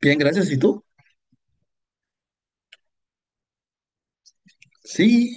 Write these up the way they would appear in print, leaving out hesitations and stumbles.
Bien, gracias. ¿Y tú? Sí.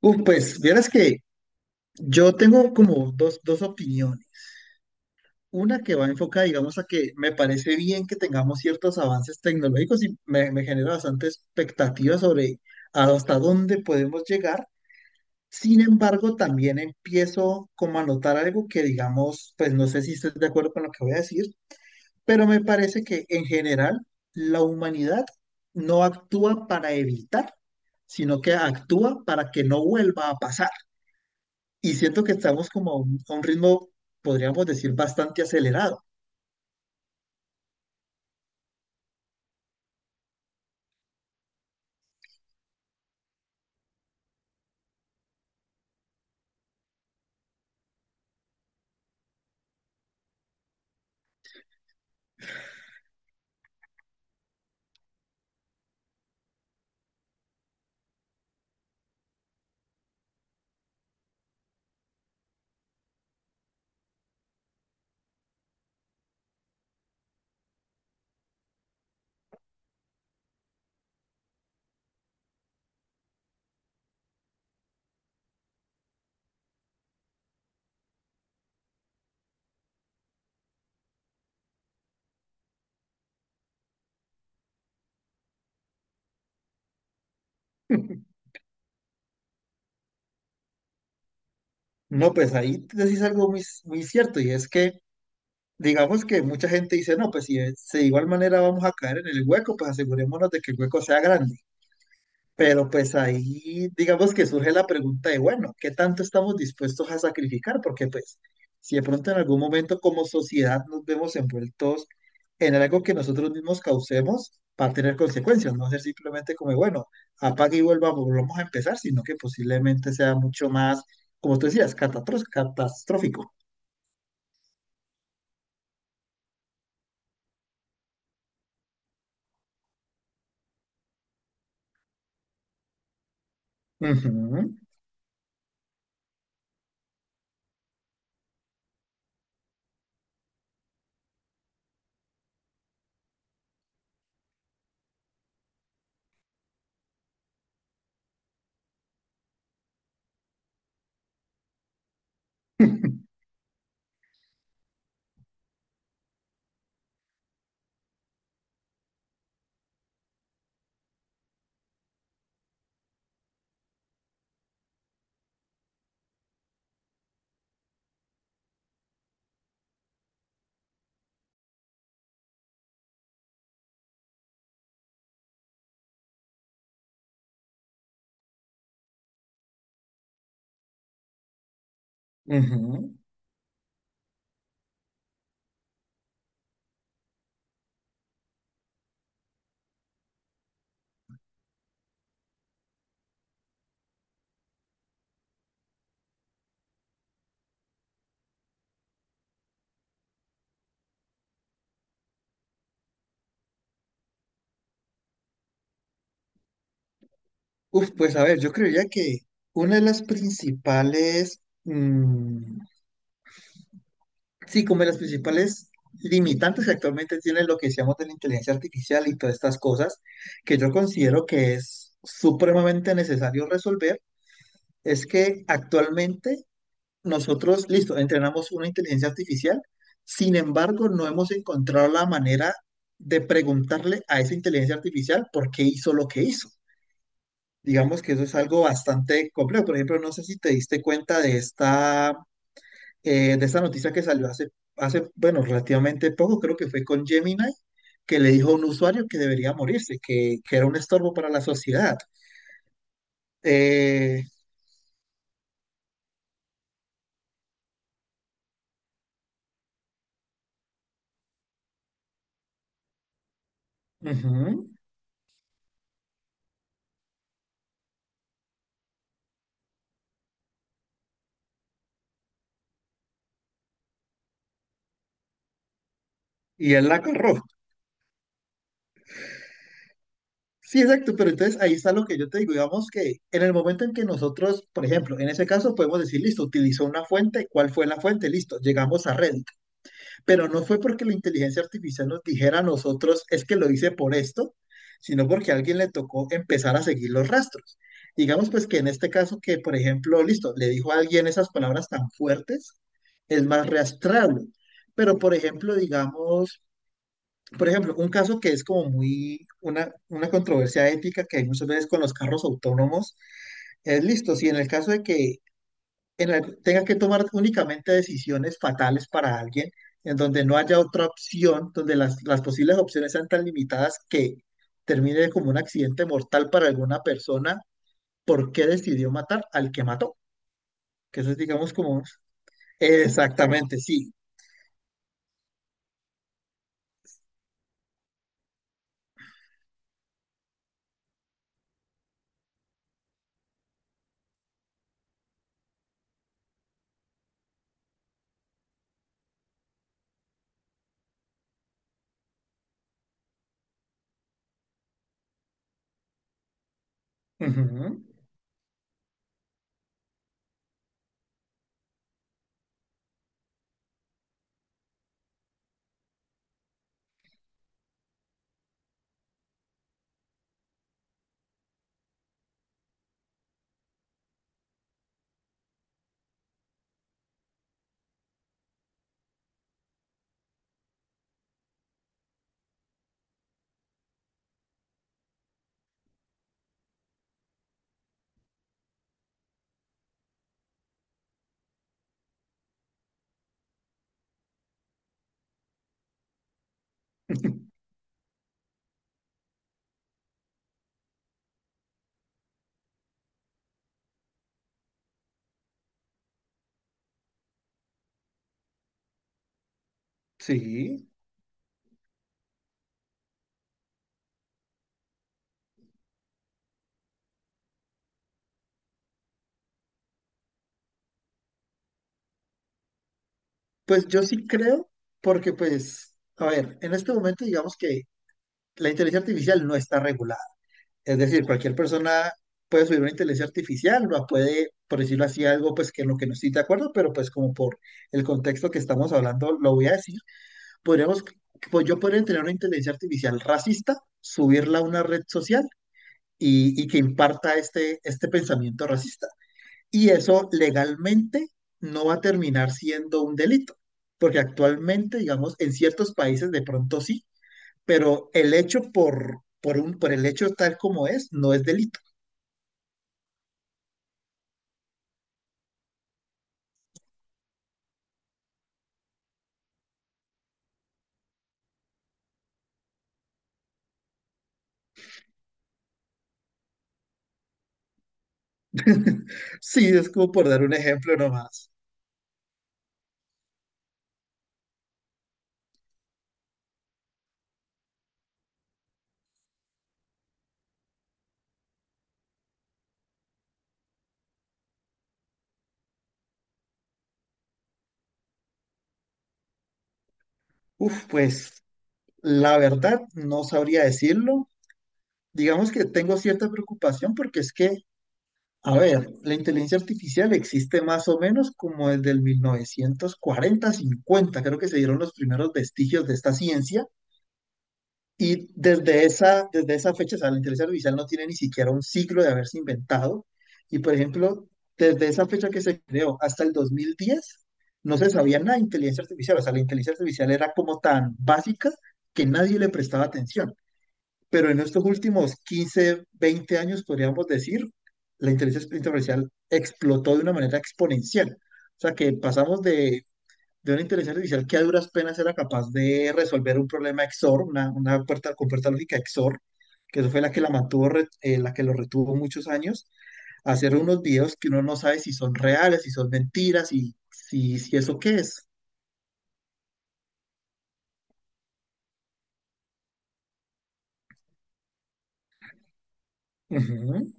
Uf, pues vieras que yo tengo como dos opiniones. Una que va enfocada, digamos, a que me parece bien que tengamos ciertos avances tecnológicos y me genera bastante expectativa sobre hasta dónde podemos llegar. Sin embargo, también empiezo como a notar algo que, digamos, pues no sé si estés de acuerdo con lo que voy a decir, pero me parece que en general la humanidad no actúa para evitar, sino que actúa para que no vuelva a pasar. Y siento que estamos como a un ritmo, podríamos decir, bastante acelerado. No, pues ahí decís algo muy cierto y es que digamos que mucha gente dice, no, pues si de igual manera vamos a caer en el hueco, pues asegurémonos de que el hueco sea grande. Pero pues ahí digamos que surge la pregunta de, bueno, ¿qué tanto estamos dispuestos a sacrificar? Porque pues si de pronto en algún momento como sociedad nos vemos envueltos en algo que nosotros mismos causemos, va a tener consecuencias, no va a ser simplemente como, bueno, volvamos a empezar, sino que posiblemente sea mucho más, como tú decías, catastrófico. Ujú. Ujú. Uf, pues a ver, yo creería que una de las principales sí, como de las principales limitantes que actualmente tiene lo que decíamos de la inteligencia artificial y todas estas cosas, que yo considero que es supremamente necesario resolver, es que actualmente nosotros, listo, entrenamos una inteligencia artificial. Sin embargo, no hemos encontrado la manera de preguntarle a esa inteligencia artificial por qué hizo lo que hizo. Digamos que eso es algo bastante complejo. Por ejemplo, no sé si te diste cuenta de esta noticia que salió hace, bueno, relativamente poco. Creo que fue con Gemini, que le dijo a un usuario que debería morirse, que era un estorbo para la sociedad. Eh, ujú, y él la agarró. Sí, exacto, pero entonces ahí está lo que yo te digo. Digamos que en el momento en que nosotros, por ejemplo, en ese caso podemos decir, listo, utilizó una fuente. ¿Cuál fue la fuente? Listo, llegamos a red. Pero no fue porque la inteligencia artificial nos dijera a nosotros, es que lo hice por esto, sino porque a alguien le tocó empezar a seguir los rastros. Digamos pues que en este caso que, por ejemplo, listo, le dijo a alguien esas palabras tan fuertes, es más rastreable. Pero, por ejemplo, digamos, por ejemplo, un caso que es como muy una controversia ética que hay muchas veces con los carros autónomos, es listo, si en el caso de que en la que tenga que tomar únicamente decisiones fatales para alguien, en donde no haya otra opción, donde las posibles opciones sean tan limitadas que termine como un accidente mortal para alguna persona, ¿por qué decidió matar al que mató? Que eso es, digamos, como... Exactamente, sí. Ujú. Sí. Pues yo sí creo, porque pues, a ver, en este momento digamos que la inteligencia artificial no está regulada. Es decir, cualquier persona puede subir una inteligencia artificial, ¿no? Puede, por decirlo así, algo pues que en lo que no estoy de acuerdo, pero pues como por el contexto que estamos hablando, lo voy a decir. Podríamos, pues yo podría tener una inteligencia artificial racista, subirla a una red social y que imparta este, este pensamiento racista. Y eso legalmente no va a terminar siendo un delito, porque actualmente, digamos, en ciertos países de pronto sí, pero el hecho por el hecho tal como es, no es delito. Sí, es como por dar un ejemplo nomás. Uf, pues la verdad no sabría decirlo. Digamos que tengo cierta preocupación porque es que, a ver, la inteligencia artificial existe más o menos como desde el 1940-1950. Creo que se dieron los primeros vestigios de esta ciencia. Y desde esa fecha, o sea, la inteligencia artificial no tiene ni siquiera un ciclo de haberse inventado. Y por ejemplo, desde esa fecha que se creó hasta el 2010, no se sabía nada de inteligencia artificial. O sea, la inteligencia artificial era como tan básica que nadie le prestaba atención. Pero en estos últimos 15, 20 años, podríamos decir, la inteligencia artificial explotó de una manera exponencial. O sea, que pasamos de una inteligencia artificial que a duras penas era capaz de resolver un problema XOR, una puerta con puerta lógica XOR, que eso fue la que la mantuvo, la que lo retuvo muchos años, a hacer unos videos que uno no sabe si son reales, si son mentiras, y si eso qué es. Ujú.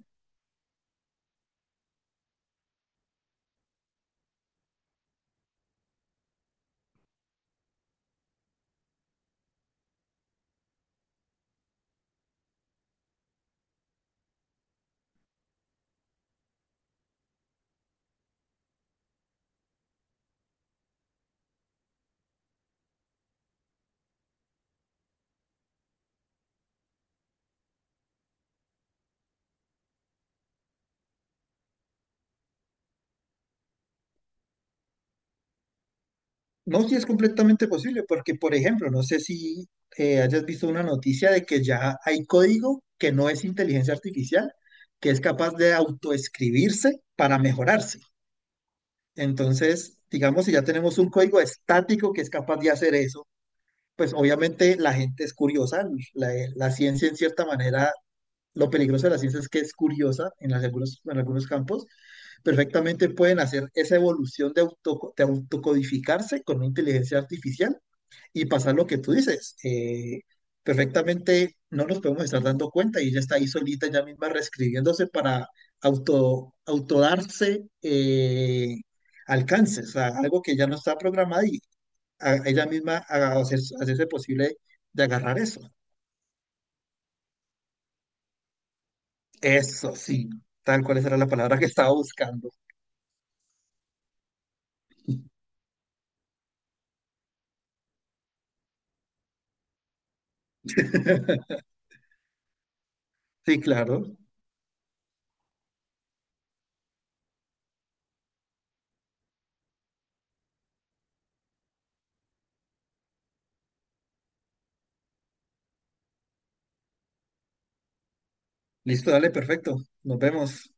No, sí es completamente posible, porque, por ejemplo, no sé si hayas visto una noticia de que ya hay código que no es inteligencia artificial, que es capaz de autoescribirse para mejorarse. Entonces, digamos, si ya tenemos un código estático que es capaz de hacer eso, pues obviamente la gente es curiosa. La, la ciencia, en cierta manera, lo peligroso de la ciencia es que es curiosa en algunos, en algunos campos. Perfectamente pueden hacer esa evolución de, de autocodificarse con una inteligencia artificial y pasa lo que tú dices, perfectamente no nos podemos estar dando cuenta y ya está ahí solita, ya misma reescribiéndose para autodarse alcances, o sea, algo que ya no está programado y ella misma hacerse posible de agarrar eso. Eso sí, tal cual esa era la palabra que estaba buscando. Sí, claro. Listo, dale, perfecto. Nos vemos.